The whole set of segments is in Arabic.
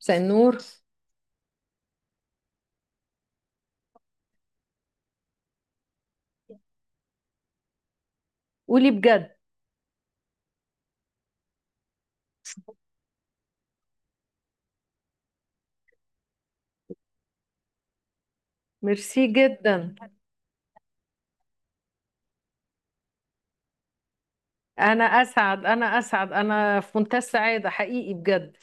مساء النور. قولي بجد. ميرسي جدا. انا في منتهى السعاده حقيقي بجد.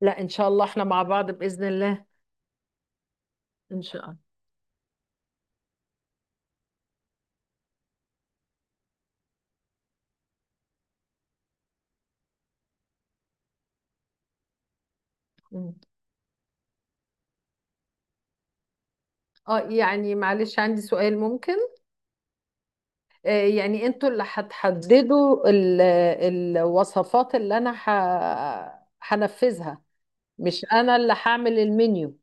لا، ان شاء الله احنا مع بعض باذن الله. ان شاء الله. مم. اه يعني معلش، عندي سؤال ممكن؟ يعني انتوا اللي هتحددوا الوصفات اللي انا هنفذها؟ مش انا اللي هعمل المنيو؟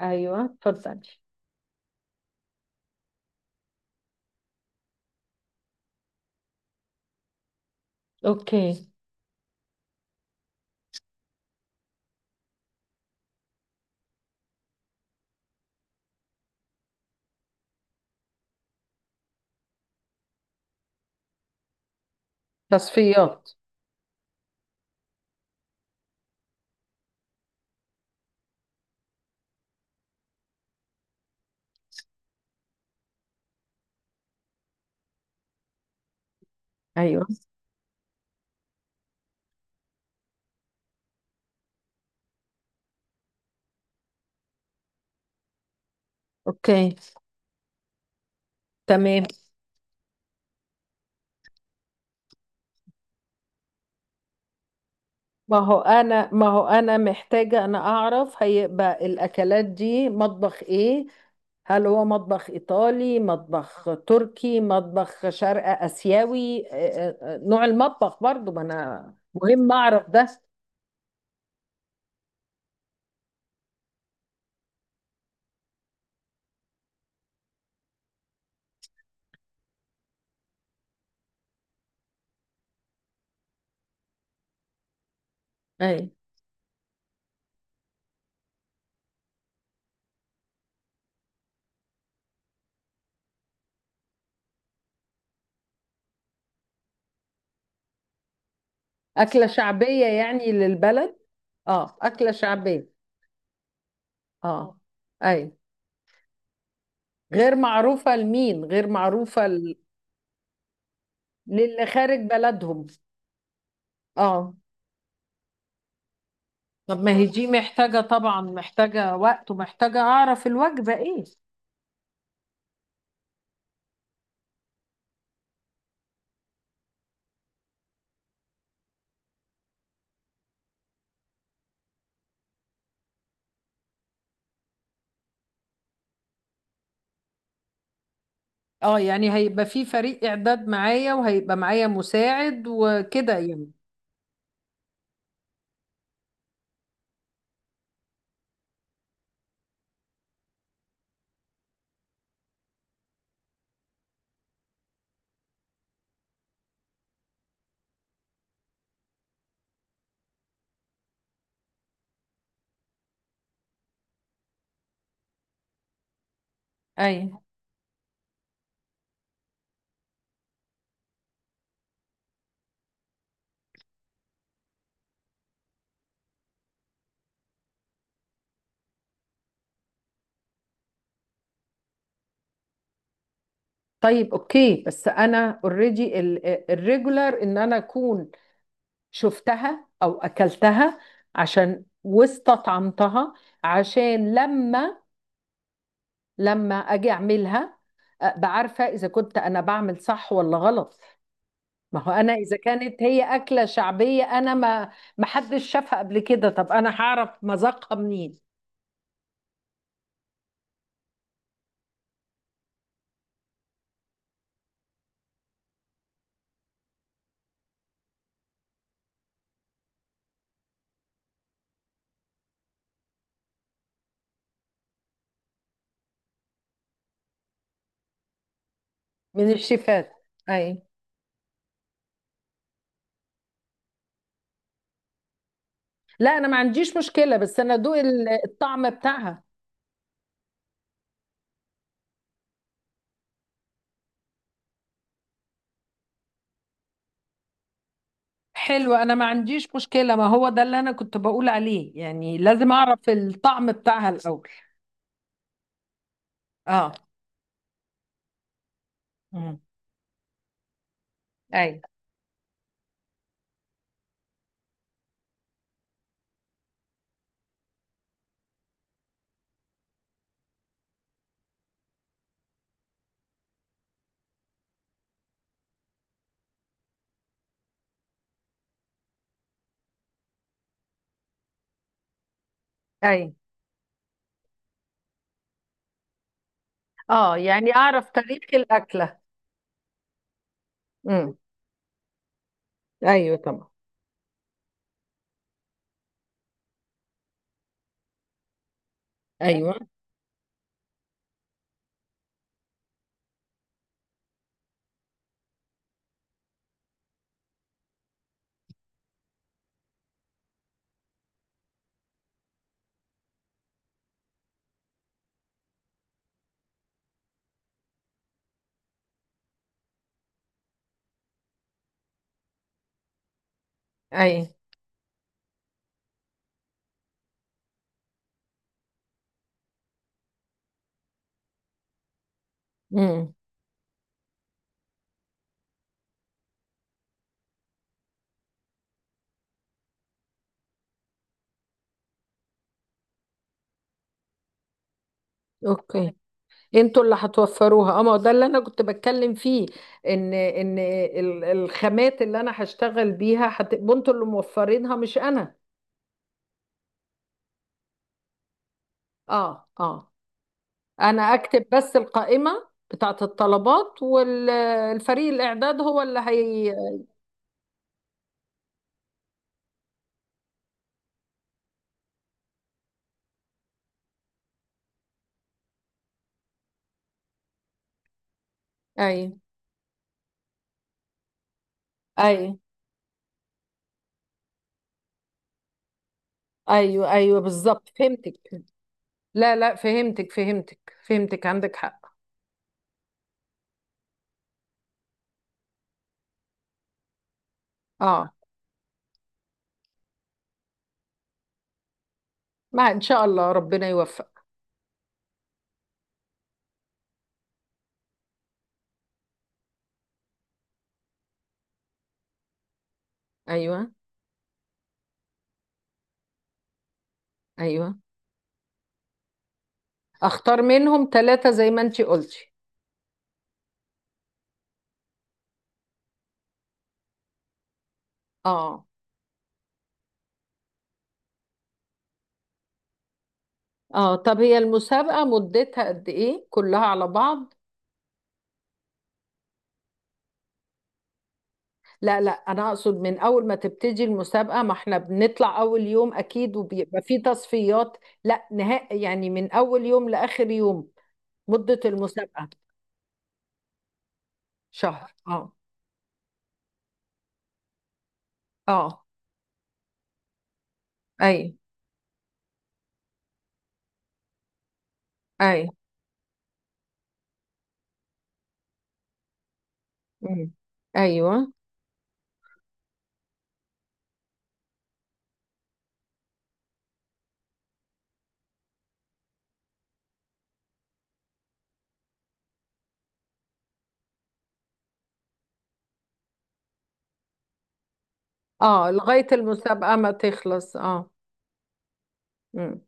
ايوه اتفضلي. اوكي. تصفيات. ايوه. اوكي. تمام. ما هو انا محتاجة اعرف هيبقى الاكلات دي مطبخ ايه. هل هو مطبخ ايطالي، مطبخ تركي، مطبخ شرق اسيوي؟ نوع المطبخ برضو ما انا مهم اعرف ده. اي. اكلة شعبية يعني للبلد؟ اه، اكلة شعبية. اه. اي. غير معروفة لمين؟ غير معروفة للي خارج بلدهم. اه. طب ما هي دي محتاجة طبعا، محتاجة وقت ومحتاجة أعرف الوجبة إيه. اه يعني هيبقى في فريق إعداد معايا وهيبقى معايا مساعد وكده يعني؟ أي. طيب أوكي، بس أنا أوريدي الريجولار إن أنا أكون شفتها أو أكلتها عشان واستطعمتها، عشان لما أجي أعملها أبقى عارفة إذا كنت أنا بعمل صح ولا غلط. ما هو انا اذا كانت هي اكله شعبيه، انا ما حدش شافها قبل كده، طب انا هعرف مذاقها منين؟ من الشيفات. اي. لا انا ما عنديش مشكله، بس انا ادوق الطعم بتاعها. حلو، انا ما عنديش مشكله، ما هو ده اللي انا كنت بقول عليه يعني، لازم اعرف الطعم بتاعها الاول. اه. امم اي. اي. اه يعني اعرف تاريخ الاكله. امم ايوه طبعا. ايوه. اي. امم اوكي. انتوا اللي هتوفروها؟ اه ما هو ده اللي انا كنت بتكلم فيه، ان الخامات اللي انا هشتغل بيها هتبقوا انتوا اللي موفرينها مش انا. اه اه. انا اكتب بس القائمة بتاعه الطلبات، والفريق الاعداد هو اللي هي. اي. اي. ايوه ايوه، بالظبط فهمتك. لا لا، فهمتك فهمتك فهمتك، عندك حق. اه، ما ان شاء الله ربنا يوفق. ايوه. ايوه. اختار منهم ثلاثة زي ما انتي قلتي؟ اه. اه طب هي المسابقة مدتها قد ايه كلها على بعض؟ لا لا انا اقصد من اول ما تبتدي المسابقة، ما احنا بنطلع اول يوم اكيد وبيبقى في تصفيات، لا نهائي يعني، من اول يوم لاخر يوم، مدة المسابقة. شهر. اه. اه. اي. اي. مم. ايوه. اه لغاية المسابقة ما تخلص. اه. مم.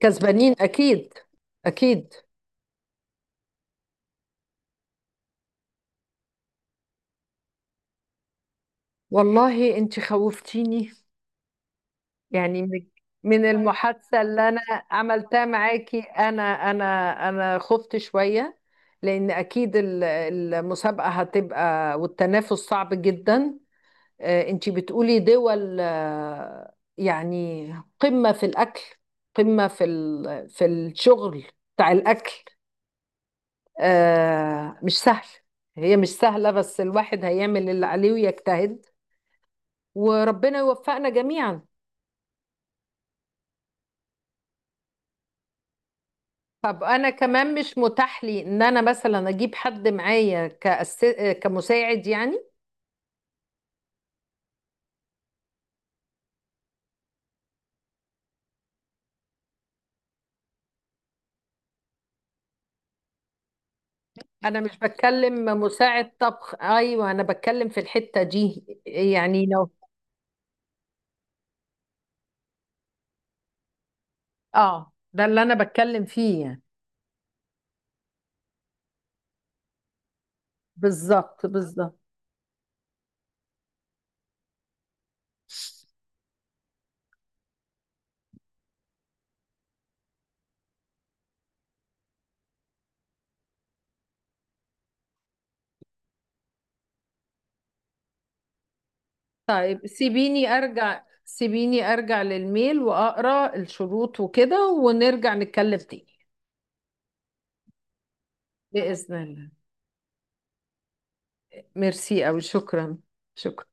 كسبانين اكيد. اكيد. والله انت خوفتيني، يعني من المحادثة اللي عملتها معاكي، أنا أنا خفت شوية، لأن أكيد المسابقة هتبقى والتنافس صعب جدا. أنتي بتقولي دول يعني قمة في الأكل، قمة في في الشغل بتاع الأكل. مش سهل، هي مش سهلة، بس الواحد هيعمل اللي عليه ويجتهد وربنا يوفقنا جميعا. طب انا كمان مش متاح لي ان انا مثلا اجيب حد معايا كأس... كمساعد يعني؟ انا مش بتكلم مساعد طبخ، ايوه انا بتكلم في الحتة دي، يعني لو. اه ده اللي انا بتكلم فيه يعني. بالظبط بالظبط. طيب سيبيني ارجع، سيبيني ارجع للميل واقرا الشروط وكده ونرجع نتكلم تاني. بإذن الله. ميرسي أوي، شكرا. شكرا.